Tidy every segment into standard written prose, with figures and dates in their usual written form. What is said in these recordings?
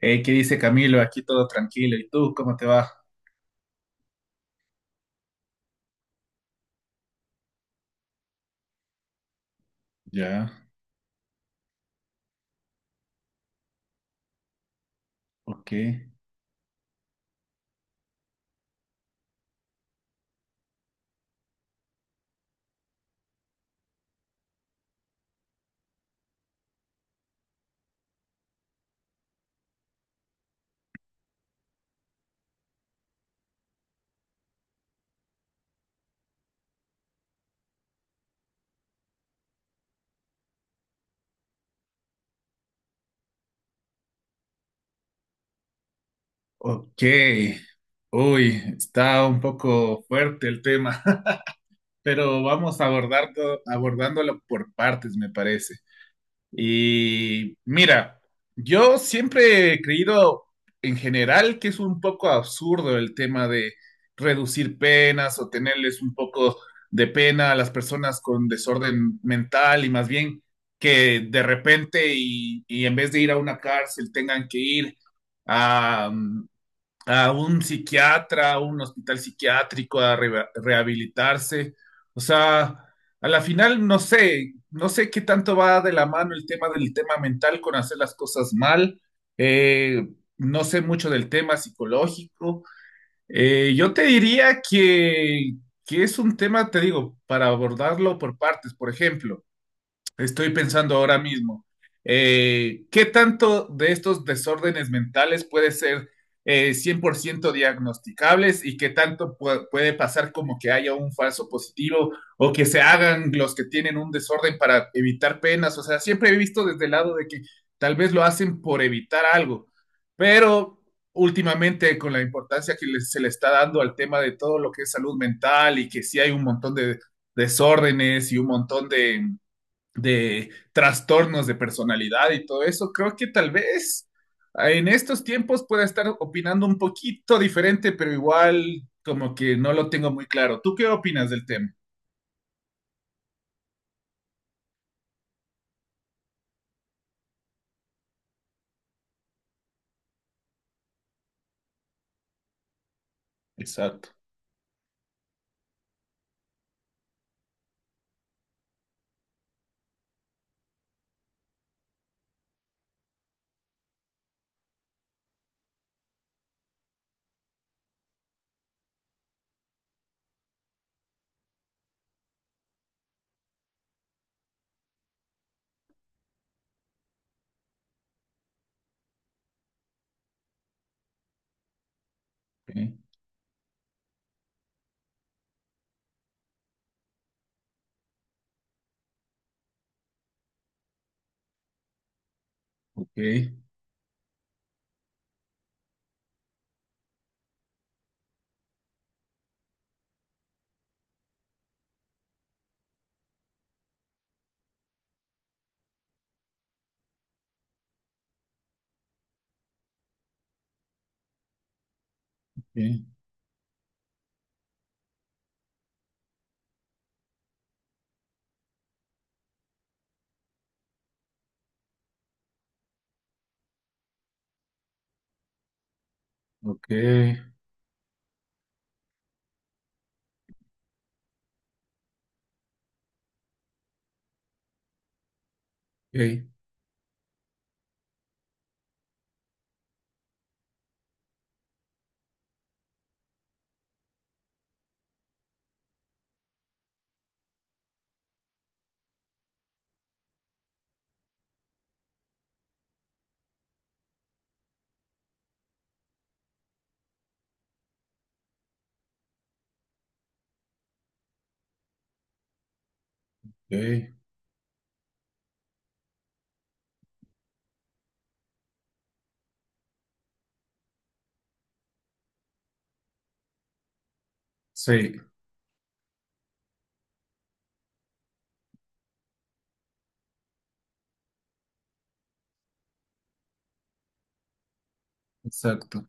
Hey, ¿qué dice Camilo? Aquí todo tranquilo. ¿Y tú cómo te va? Ya, ok. Ok. Uy, está un poco fuerte el tema, pero vamos a abordarlo, abordándolo por partes, me parece. Y mira, yo siempre he creído en general que es un poco absurdo el tema de reducir penas o tenerles un poco de pena a las personas con desorden mental y más bien que de repente y en vez de ir a una cárcel tengan que ir a, mm, a un psiquiatra, a un hospital psiquiátrico, a rehabilitarse. O sea, a la final no sé qué tanto va de la mano el tema mental con hacer las cosas mal. Eh, no sé mucho del tema psicológico. Yo te diría que es un tema, te digo, para abordarlo por partes. Por ejemplo, estoy pensando ahora mismo, ¿qué tanto de estos desórdenes mentales puede ser 100% diagnosticables y qué tanto puede pasar como que haya un falso positivo o que se hagan los que tienen un desorden para evitar penas? O sea, siempre he visto desde el lado de que tal vez lo hacen por evitar algo, pero últimamente con la importancia que se le está dando al tema de todo lo que es salud mental y que sí hay un montón de desórdenes y un montón de trastornos de personalidad y todo eso, creo que tal vez en estos tiempos pueda estar opinando un poquito diferente, pero igual como que no lo tengo muy claro. ¿Tú qué opinas del tema? Exacto. Ok, ok, ok, ok, ok. Sí, exacto.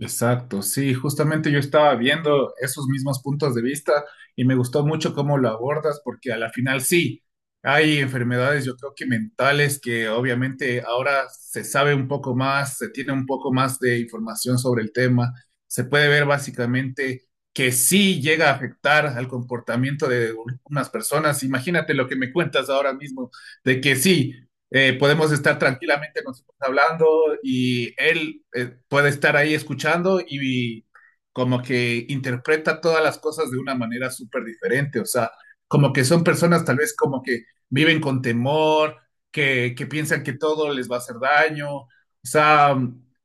Exacto, sí, justamente yo estaba viendo esos mismos puntos de vista y me gustó mucho cómo lo abordas porque a la final sí, hay enfermedades yo creo que mentales que obviamente ahora se sabe un poco más, se tiene un poco más de información sobre el tema, se puede ver básicamente que sí llega a afectar al comportamiento de unas personas. Imagínate lo que me cuentas ahora mismo, de que sí podemos estar tranquilamente nosotros hablando y él puede estar ahí escuchando y como que interpreta todas las cosas de una manera súper diferente, o sea, como que son personas tal vez como que viven con temor, que piensan que todo les va a hacer daño, o sea,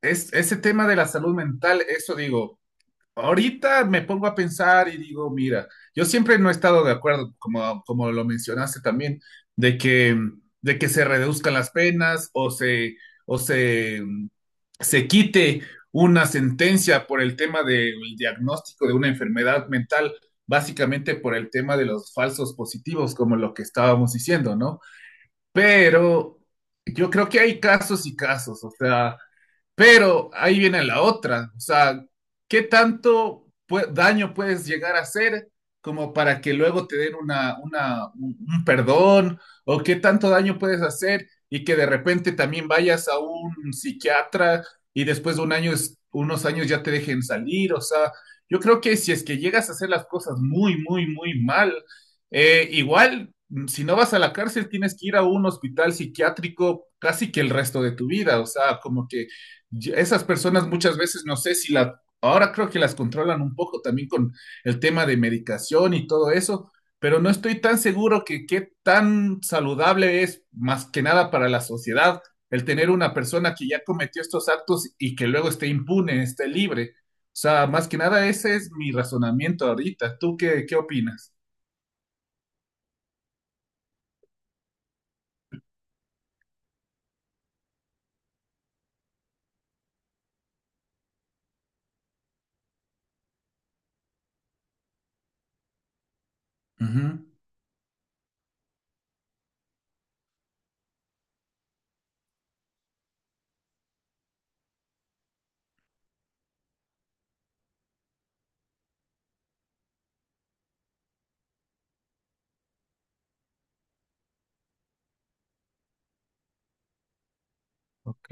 ese tema de la salud mental, eso digo. Ahorita me pongo a pensar y digo, mira, yo siempre no he estado de acuerdo, como, como lo mencionaste también, de que, de que se reduzcan las penas o se quite una sentencia por el tema del diagnóstico de una enfermedad mental, básicamente por el tema de los falsos positivos, como lo que estábamos diciendo, ¿no? Pero yo creo que hay casos y casos, o sea, pero ahí viene la otra, o sea, ¿qué tanto daño puedes llegar a hacer como para que luego te den un perdón? ¿O qué tanto daño puedes hacer y que de repente también vayas a un psiquiatra y después de un año, unos años ya te dejen salir? O sea, yo creo que si es que llegas a hacer las cosas muy, muy, muy mal, igual, si no vas a la cárcel, tienes que ir a un hospital psiquiátrico casi que el resto de tu vida, o sea, como que y esas personas muchas veces no sé si la, ahora creo que las controlan un poco también con el tema de medicación y todo eso, pero no estoy tan seguro que qué tan saludable es más que nada para la sociedad el tener una persona que ya cometió estos actos y que luego esté impune, esté libre. O sea, más que nada ese es mi razonamiento ahorita. ¿Tú qué opinas? Ujú. Ok,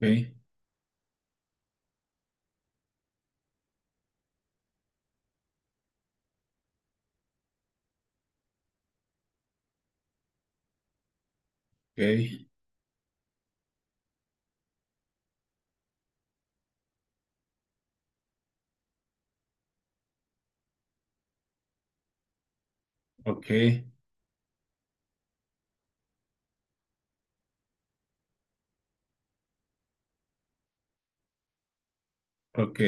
ok, ok, ok, ok,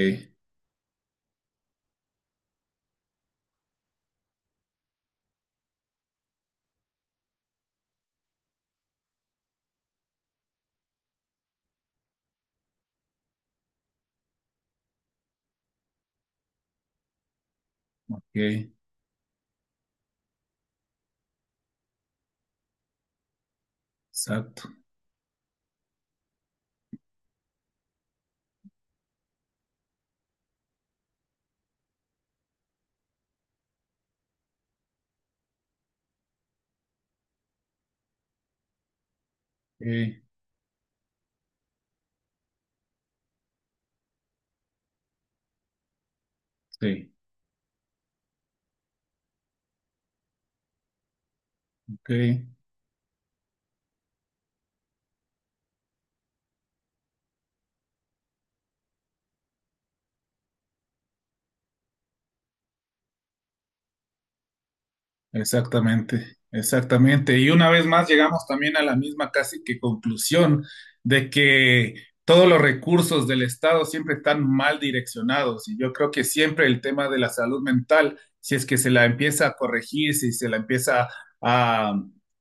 ok, exacto, ok, sí, ok. Exactamente, exactamente. Y una vez más llegamos también a la misma casi que conclusión de que todos los recursos del Estado siempre están mal direccionados. Y yo creo que siempre el tema de la salud mental, si es que se la empieza a corregir, si se la empieza a,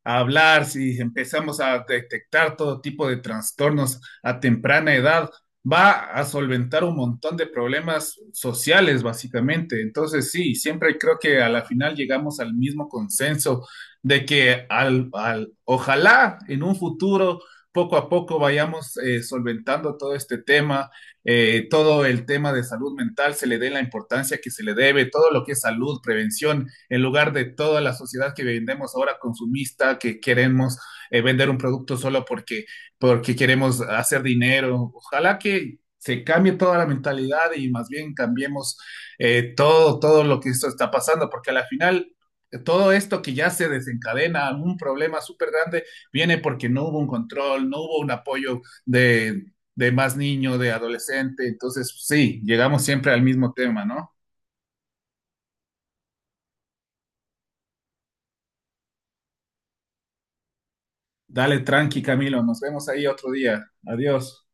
a hablar, si empezamos a detectar todo tipo de trastornos a temprana edad, va a solventar un montón de problemas sociales, básicamente. Entonces, sí, siempre creo que a la final llegamos al mismo consenso de que ojalá en un futuro, poco a poco, vayamos solventando todo este tema, todo el tema de salud mental, se le dé la importancia que se le debe, todo lo que es salud, prevención, en lugar de toda la sociedad que vendemos ahora consumista, que queremos vender un producto solo porque queremos hacer dinero. Ojalá que se cambie toda la mentalidad y más bien cambiemos todo lo que esto está pasando, porque al final todo esto que ya se desencadena, un problema súper grande, viene porque no hubo un control, no hubo un apoyo de más niño, de adolescente. Entonces, sí, llegamos siempre al mismo tema, ¿no? Dale tranqui, Camilo. Nos vemos ahí otro día. Adiós.